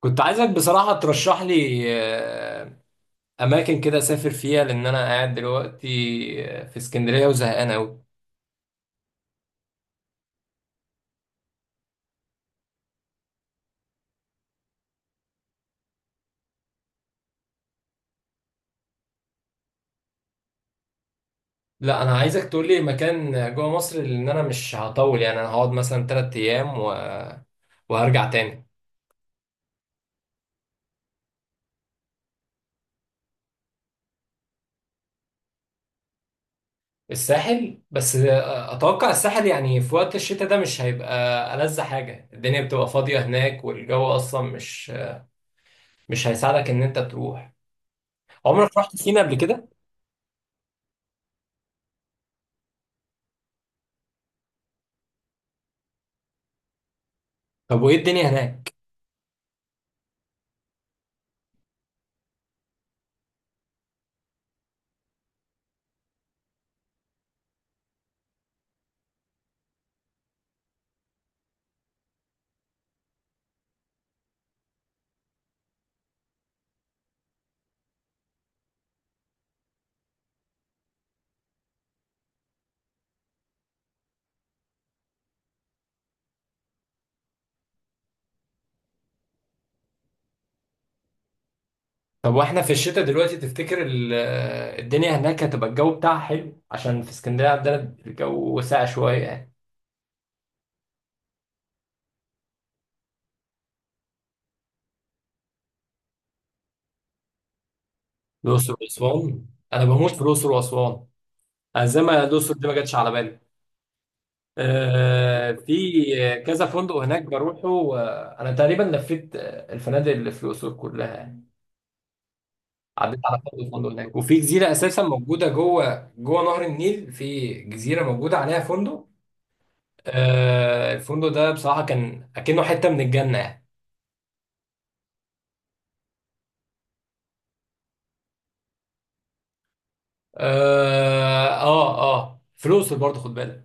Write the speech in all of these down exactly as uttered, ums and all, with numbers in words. كنت عايزك بصراحة ترشح لي آه، أماكن كده أسافر فيها لأن أنا قاعد دلوقتي آه، في اسكندرية وزهقان أوي. لا، أنا عايزك تقول لي مكان جوه مصر، لأن أنا مش هطول، يعني أنا هقعد مثلا تلات أيام و- وهرجع تاني. الساحل بس آه، أتوقع الساحل يعني في وقت الشتاء ده مش هيبقى ألذ حاجة، الدنيا بتبقى فاضية هناك والجو أصلا مش مش هيساعدك إن أنت تروح. عمرك رحت سينا قبل كده؟ طب وإيه الدنيا هناك؟ طب واحنا في الشتاء دلوقتي تفتكر ال- الدنيا هناك هتبقى الجو بتاعها حلو؟ عشان في اسكندرية عندنا الجو ساقع شوية يعني. الأقصر وأسوان. أنا بموت في الأقصر وأسوان. أنا زي ما الأقصر دي ما جاتش على بالي. آه، في كذا فندق هناك بروحه. آه، أنا تقريبا لفيت آه، الفنادق اللي في الأقصر كلها يعني. عديت على فندق فندق هناك، وفي جزيرة أساسا موجودة جوه جوه نهر النيل، في جزيرة موجودة عليها فندق. آه، الفندق ده بصراحة كان أكنه حتة من الجنة يعني. اه اه آه. فلوسه برضه خد بالك.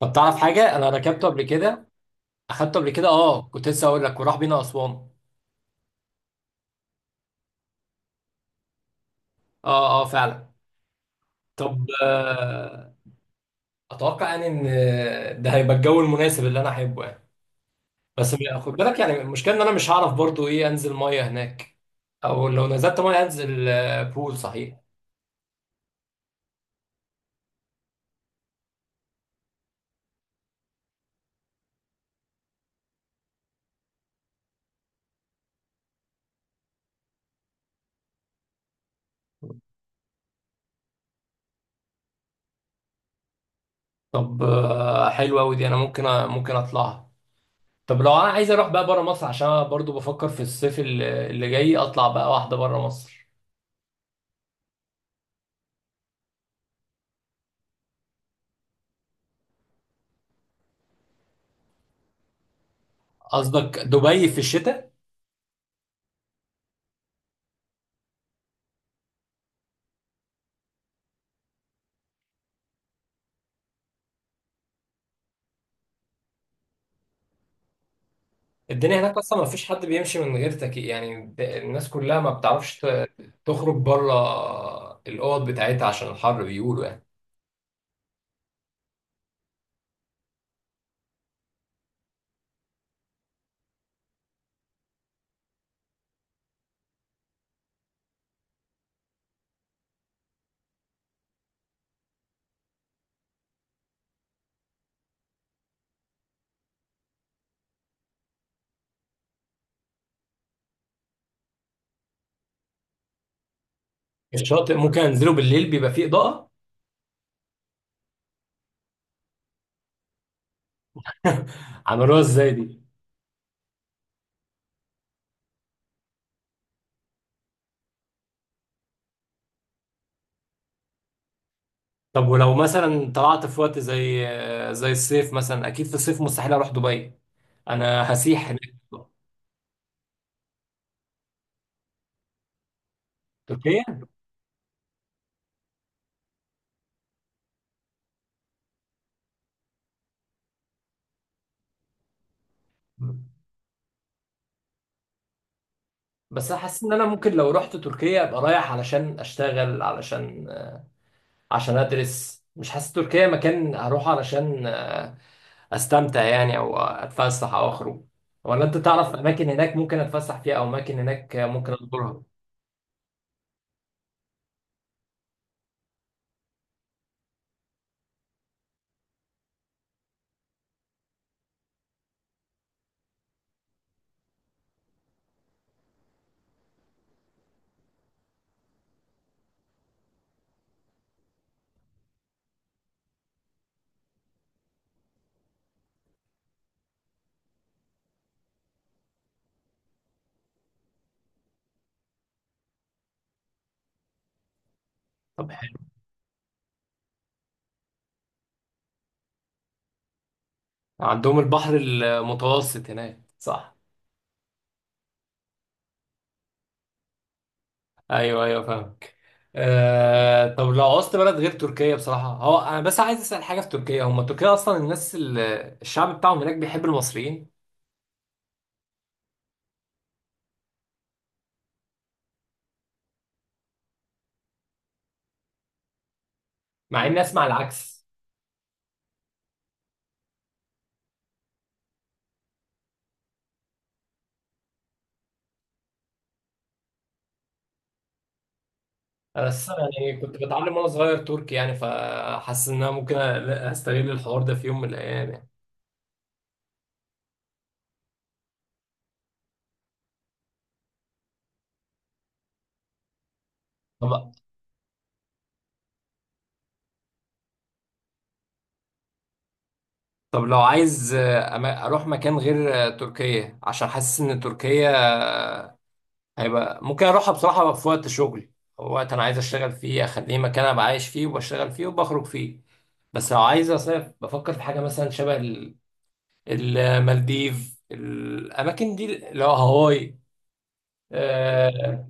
طب تعرف حاجه، انا ركبته قبل كده، اخدته قبل كده. اه، كنت لسه اقول لك، وراح بينا اسوان. اه اه، فعلا. طب آه اتوقع يعني ان ده هيبقى الجو المناسب اللي انا احبه يعني. بس خد بالك يعني، المشكله ان انا مش هعرف برضه ايه، انزل ميه هناك او لو نزلت ميه انزل آه، بول صحيح. طب آه حلوه قوي دي، انا ممكن ممكن اطلعها. طب لو انا عايز اروح بقى بره مصر، عشان انا برضه بفكر في الصيف اللي اللي جاي اطلع بقى واحده بره مصر. قصدك دبي في الشتاء؟ الدنيا هناك اصلا ما فيش حد بيمشي من غير تكييف يعني، الد- الناس كلها ما بتعرفش ت- تخرج بره الاوض بتاعتها عشان الحر بيقولوا يعني. الشاطئ ممكن انزله بالليل بيبقى فيه اضاءة؟ عملوها ازاي دي؟ طب ولو مثلا طلعت في وقت زي زي الصيف مثلا، اكيد في الصيف مستحيل اروح دبي، انا هسيح هناك. تركيا؟ بس احس ان انا ممكن لو رحت تركيا ابقى رايح علشان اشتغل، علشان عشان ادرس. مش حاسس تركيا مكان هروح علشان آه، استمتع يعني، او اتفسح او اخرج. ولا انت تعرف اماكن هناك ممكن اتفسح فيها او اماكن هناك ممكن ازورها؟ طب حلو. عندهم البحر المتوسط هناك صح؟ ايوه ايوه، فاهمك. أه، طب لو عوزت بلد غير تركيا بصراحة. هو أنا بس عايز أسأل حاجة في تركيا، هم تركيا أصلا الناس ال- الشعب بتاعهم هناك بيحب المصريين؟ مع إني أسمع العكس. أنا أساسا يعني كنت بتعلم وأنا صغير تركي يعني، فحاسس إن أنا ممكن أستغل الحوار ده في يوم من الأيام يعني. طب، طب لو عايز آه، أما- أروح مكان غير آه، تركيا، عشان حاسس إن تركيا آه، هيبقى ممكن أروحها بصراحة في وقت شغلي، أو وقت أنا عايز أشتغل فيه، أخليه مكان أبقى عايش فيه وبشتغل فيه وبخرج فيه. بس لو عايز أصيف بفكر في حاجة مثلا شبه ال- المالديف، الأماكن دي اللي هو هاواي. آه،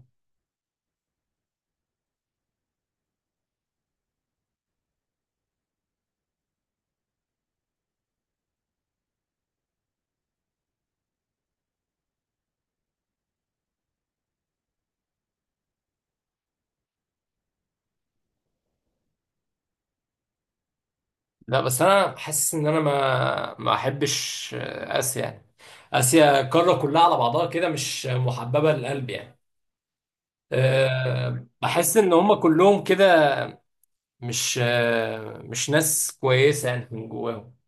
لا بس انا حاسس ان انا ما ما احبش اسيا يعني. اسيا القاره كلها على بعضها كده مش محببه للقلب يعني. أه، بحس ان هم كلهم كده مش أه، مش ناس كويسه يعني من جواهم.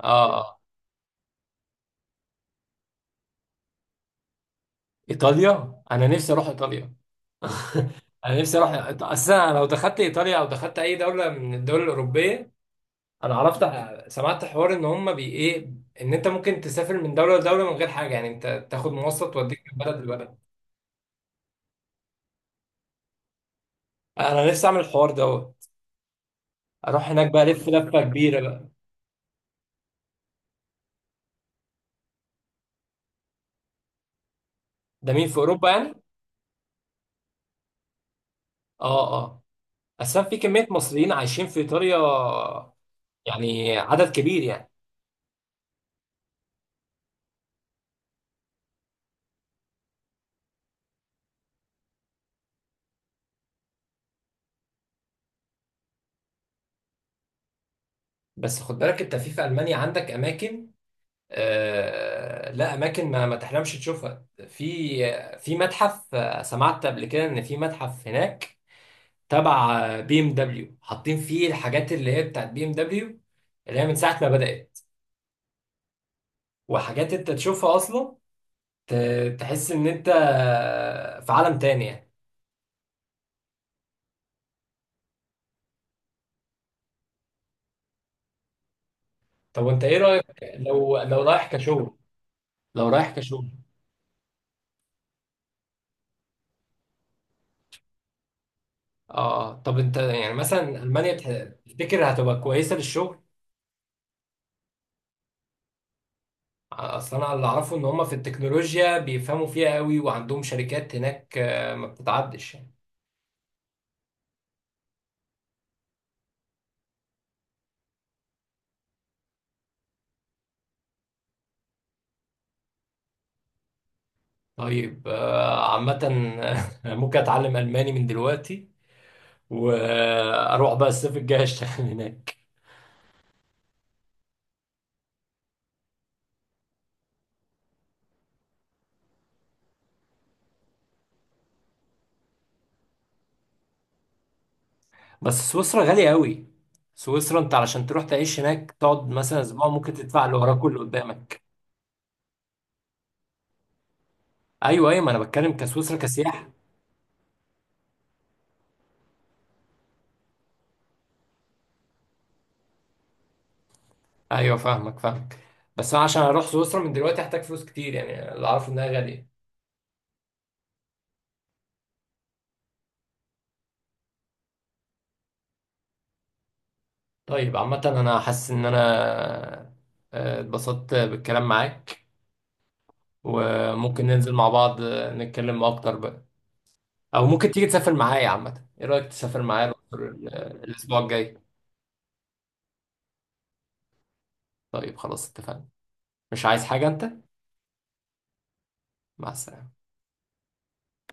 اه آه. ايطاليا، انا نفسي اروح ايطاليا. انا نفسي اروح إيط- اصل أنا لو دخلت ايطاليا او دخلت اي دوله من الدول الاوروبيه، انا عرفت، سمعت حوار ان هم بي ايه، ان انت ممكن تسافر من دوله لدوله من غير حاجه، يعني انت تاخد مواصلة توديك من بلد لبلد. انا نفسي اعمل الحوار دوت، اروح هناك بقى الف لفه كبيره بقى. ده مين في اوروبا يعني؟ اه اه. اصلا في كميه مصريين عايشين في ايطاليا، يعني عدد كبير يعني. بس خد بالك انت في في المانيا عندك اماكن آه لا، اماكن ما, ما تحلمش تشوفها. في في متحف، آه، سمعت قبل كده ان في متحف هناك تبع بي ام دبليو، حاطين فيه الحاجات اللي هي بتاعت بي ام دبليو، اللي هي من ساعه ما بدات. وحاجات انت تشوفها اصلا، ت- تحس ان انت في عالم تاني يعني. طب وانت ايه رأيك؟ لو لو رايح كشغل. لو رايح كشغل. اه، طب انت يعني مثلا المانيا بتح- تفتكر هتبقى كويسة للشغل؟ اصل انا اللي اعرفه ان هم في التكنولوجيا بيفهموا فيها قوي، وعندهم شركات هناك آه، ما بتتعدش يعني. طيب آه، عامة ممكن اتعلم الماني من دلوقتي، واروح بقى الصيف الجاي اشتغل هناك. بس سويسرا غالية قوي، سويسرا انت علشان تروح تعيش هناك تقعد مثلا اسبوع ممكن تدفع اللي وراك واللي قدامك. ايوه ايوه، ما انا بتكلم كسويسرا كسياحة. ايوه فاهمك، فاهمك. بس انا عشان اروح سويسرا من دلوقتي هحتاج فلوس كتير، يعني اللي اعرفه انها غالية. طيب عامة انا حاسس ان انا آه، اتبسطت بالكلام معاك، وممكن ننزل مع بعض آه، نتكلم اكتر بقى. او ممكن تيجي تسافر معايا، عامة ايه رأيك تسافر معايا الأقصر ال- الاسبوع الجاي؟ طيب خلاص اتفقنا. مش عايز حاجة انت؟ مع السلامة.